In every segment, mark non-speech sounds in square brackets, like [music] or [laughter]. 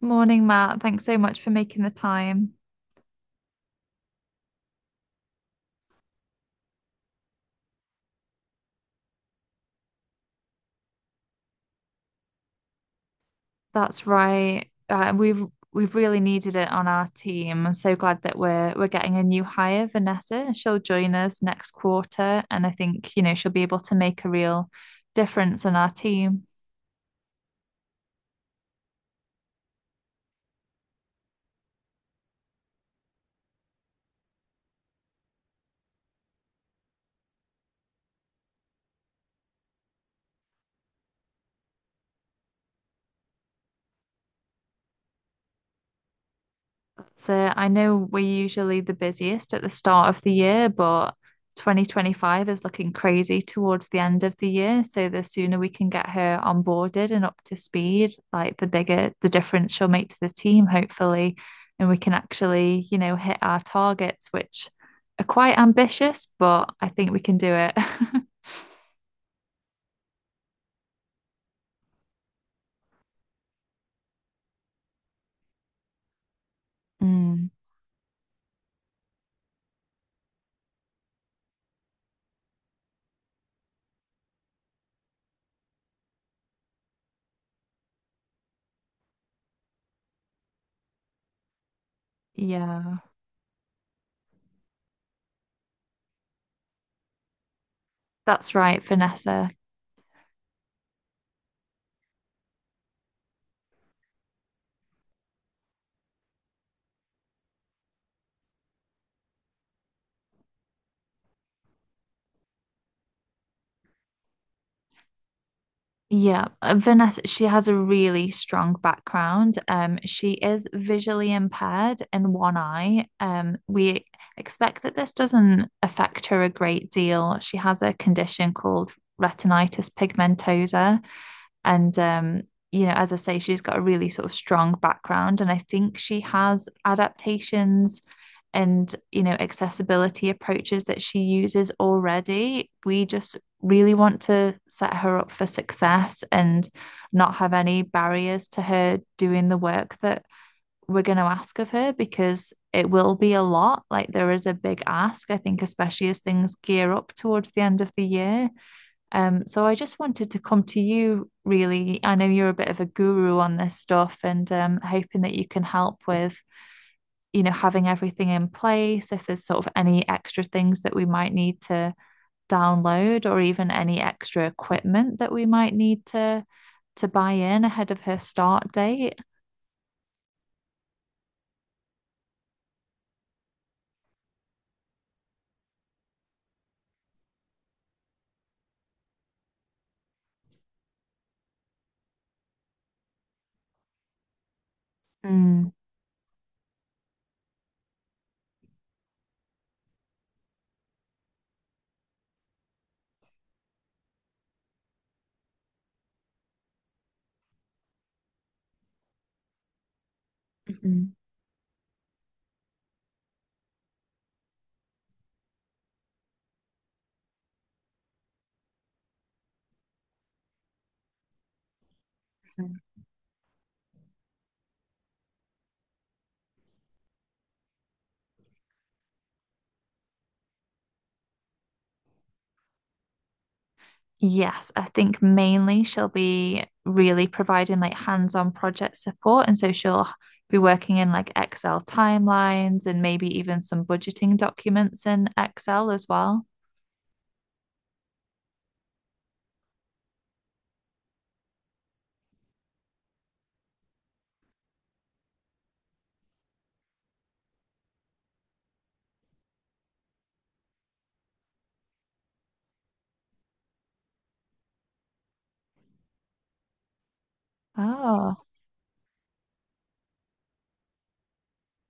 Morning, Matt. Thanks so much for making the time. That's right. We've really needed it on our team. I'm so glad that we're getting a new hire, Vanessa. She'll join us next quarter, and I think, she'll be able to make a real difference on our team. So I know we're usually the busiest at the start of the year, but 2025 is looking crazy towards the end of the year. So the sooner we can get her onboarded and up to speed, like the bigger the difference she'll make to the team, hopefully. And we can actually, you know, hit our targets, which are quite ambitious, but I think we can do it. [laughs] Mm, yeah, that's right, Vanessa. Yeah, Vanessa, she has a really strong background. She is visually impaired in one eye. We expect that this doesn't affect her a great deal. She has a condition called retinitis pigmentosa. And you know, as I say, she's got a really sort of strong background, and I think she has adaptations and you know accessibility approaches that she uses already. We just really want to set her up for success and not have any barriers to her doing the work that we're going to ask of her because it will be a lot. Like there is a big ask, I think, especially as things gear up towards the end of the year. So I just wanted to come to you, really. I know you're a bit of a guru on this stuff and hoping that you can help with, you know, having everything in place, if there's sort of any extra things that we might need to download or even any extra equipment that we might need to buy in ahead of her start date. Mm, mhm. Yes, I think mainly she'll be really providing like hands-on project support. And so she'll be working in like Excel timelines and maybe even some budgeting documents in Excel as well. Oh,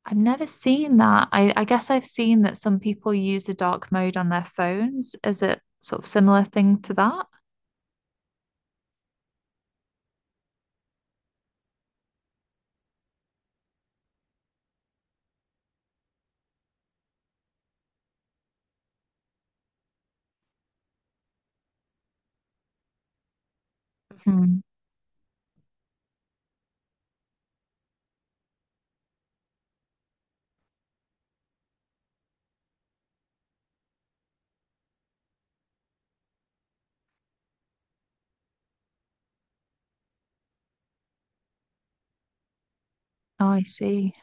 I've never seen that. I guess I've seen that some people use a dark mode on their phones. Is it sort of similar thing to that? Hmm. Oh, I see.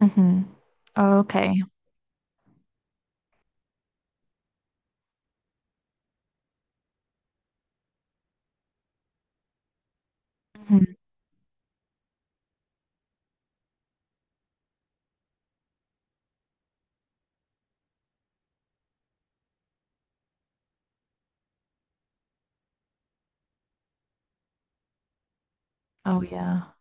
Hmm. Oh, okay. Hmm. Oh, yeah.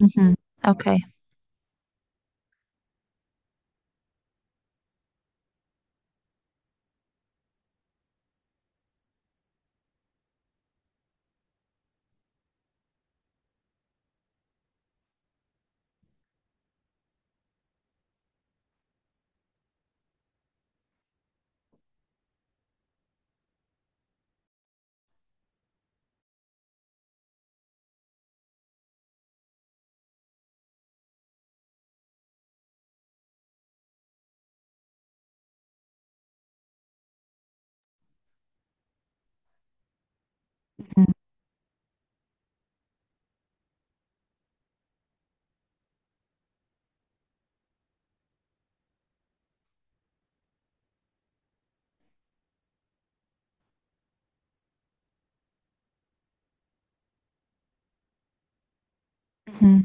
Hmm. Okay. Hmm. Hmm.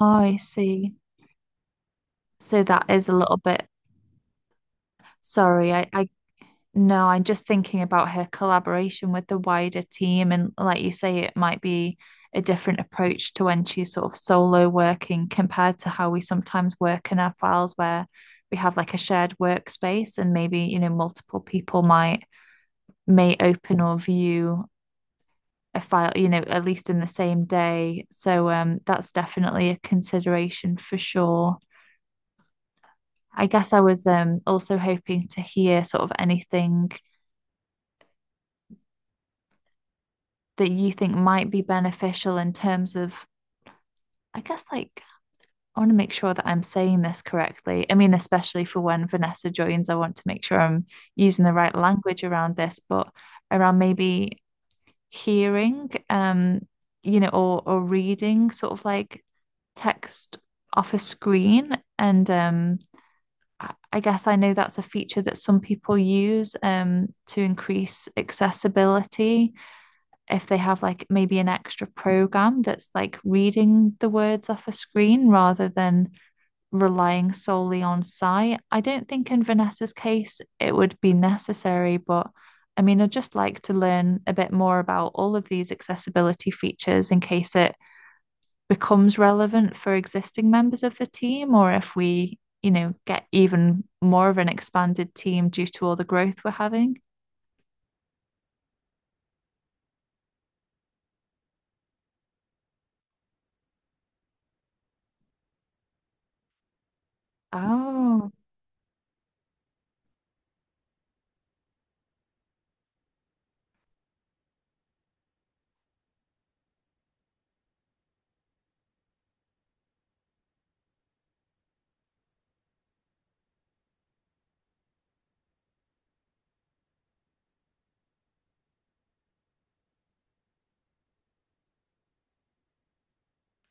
Oh, I see. So that is a little bit sorry. I No, I'm just thinking about her collaboration with the wider team. And like you say, it might be a different approach to when she's sort of solo working compared to how we sometimes work in our files where we have like a shared workspace and maybe, you know, multiple people might may open or view a file, you know, at least in the same day. So that's definitely a consideration for sure. I guess I was also hoping to hear sort of anything that you think might be beneficial in terms of, I guess, like, I want to make sure that I'm saying this correctly. I mean, especially for when Vanessa joins, I want to make sure I'm using the right language around this, but around maybe hearing, you know, or reading sort of like text off a screen and I- guess I know that's a feature that some people use to increase accessibility. If they have like maybe an extra program that's like reading the words off a screen rather than relying solely on sight. I don't think in Vanessa's case it would be necessary, but I mean, I'd just like to learn a bit more about all of these accessibility features in case it becomes relevant for existing members of the team or if we, you know, get even more of an expanded team due to all the growth we're having. Oh,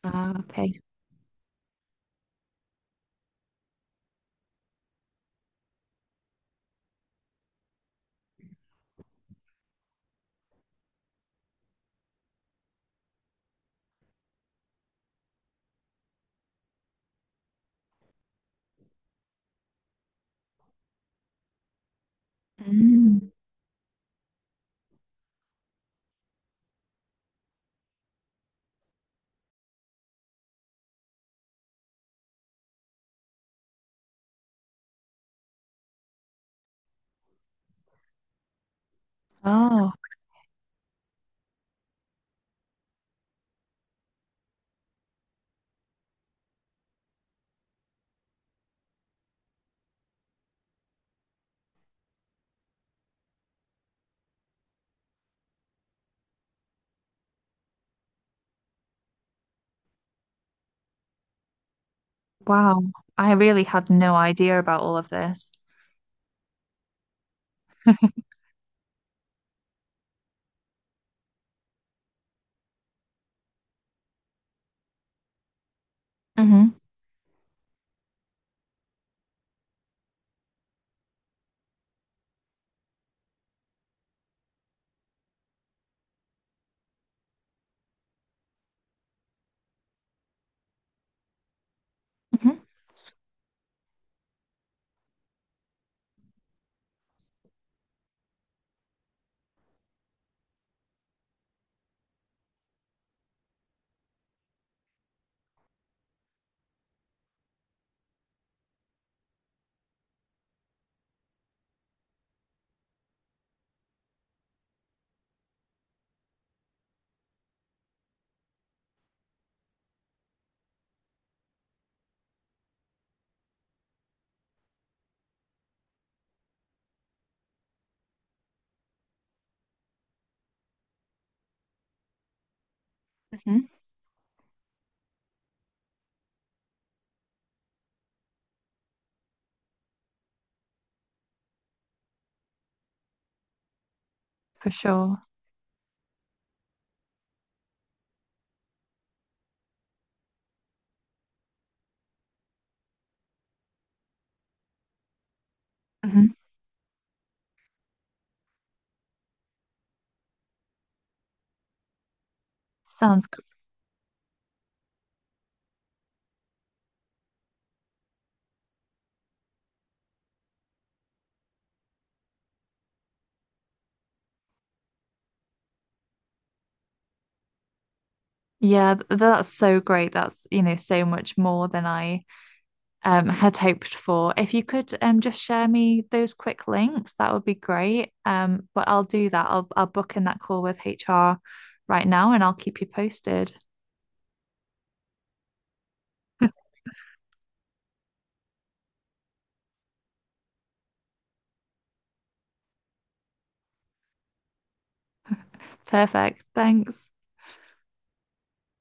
ah, okay. Mm. Oh, wow. I really had no idea about all of this. Hmm. Hmm. Hmm. For sure. Hmm. Sounds, gr- yeah, that's so great. That's, you know, so much more than I had hoped for. If you could just share me those quick links, that would be great. But I'll do that. I'll book in that call with HR right now and I'll keep you posted. Perfect. Thanks.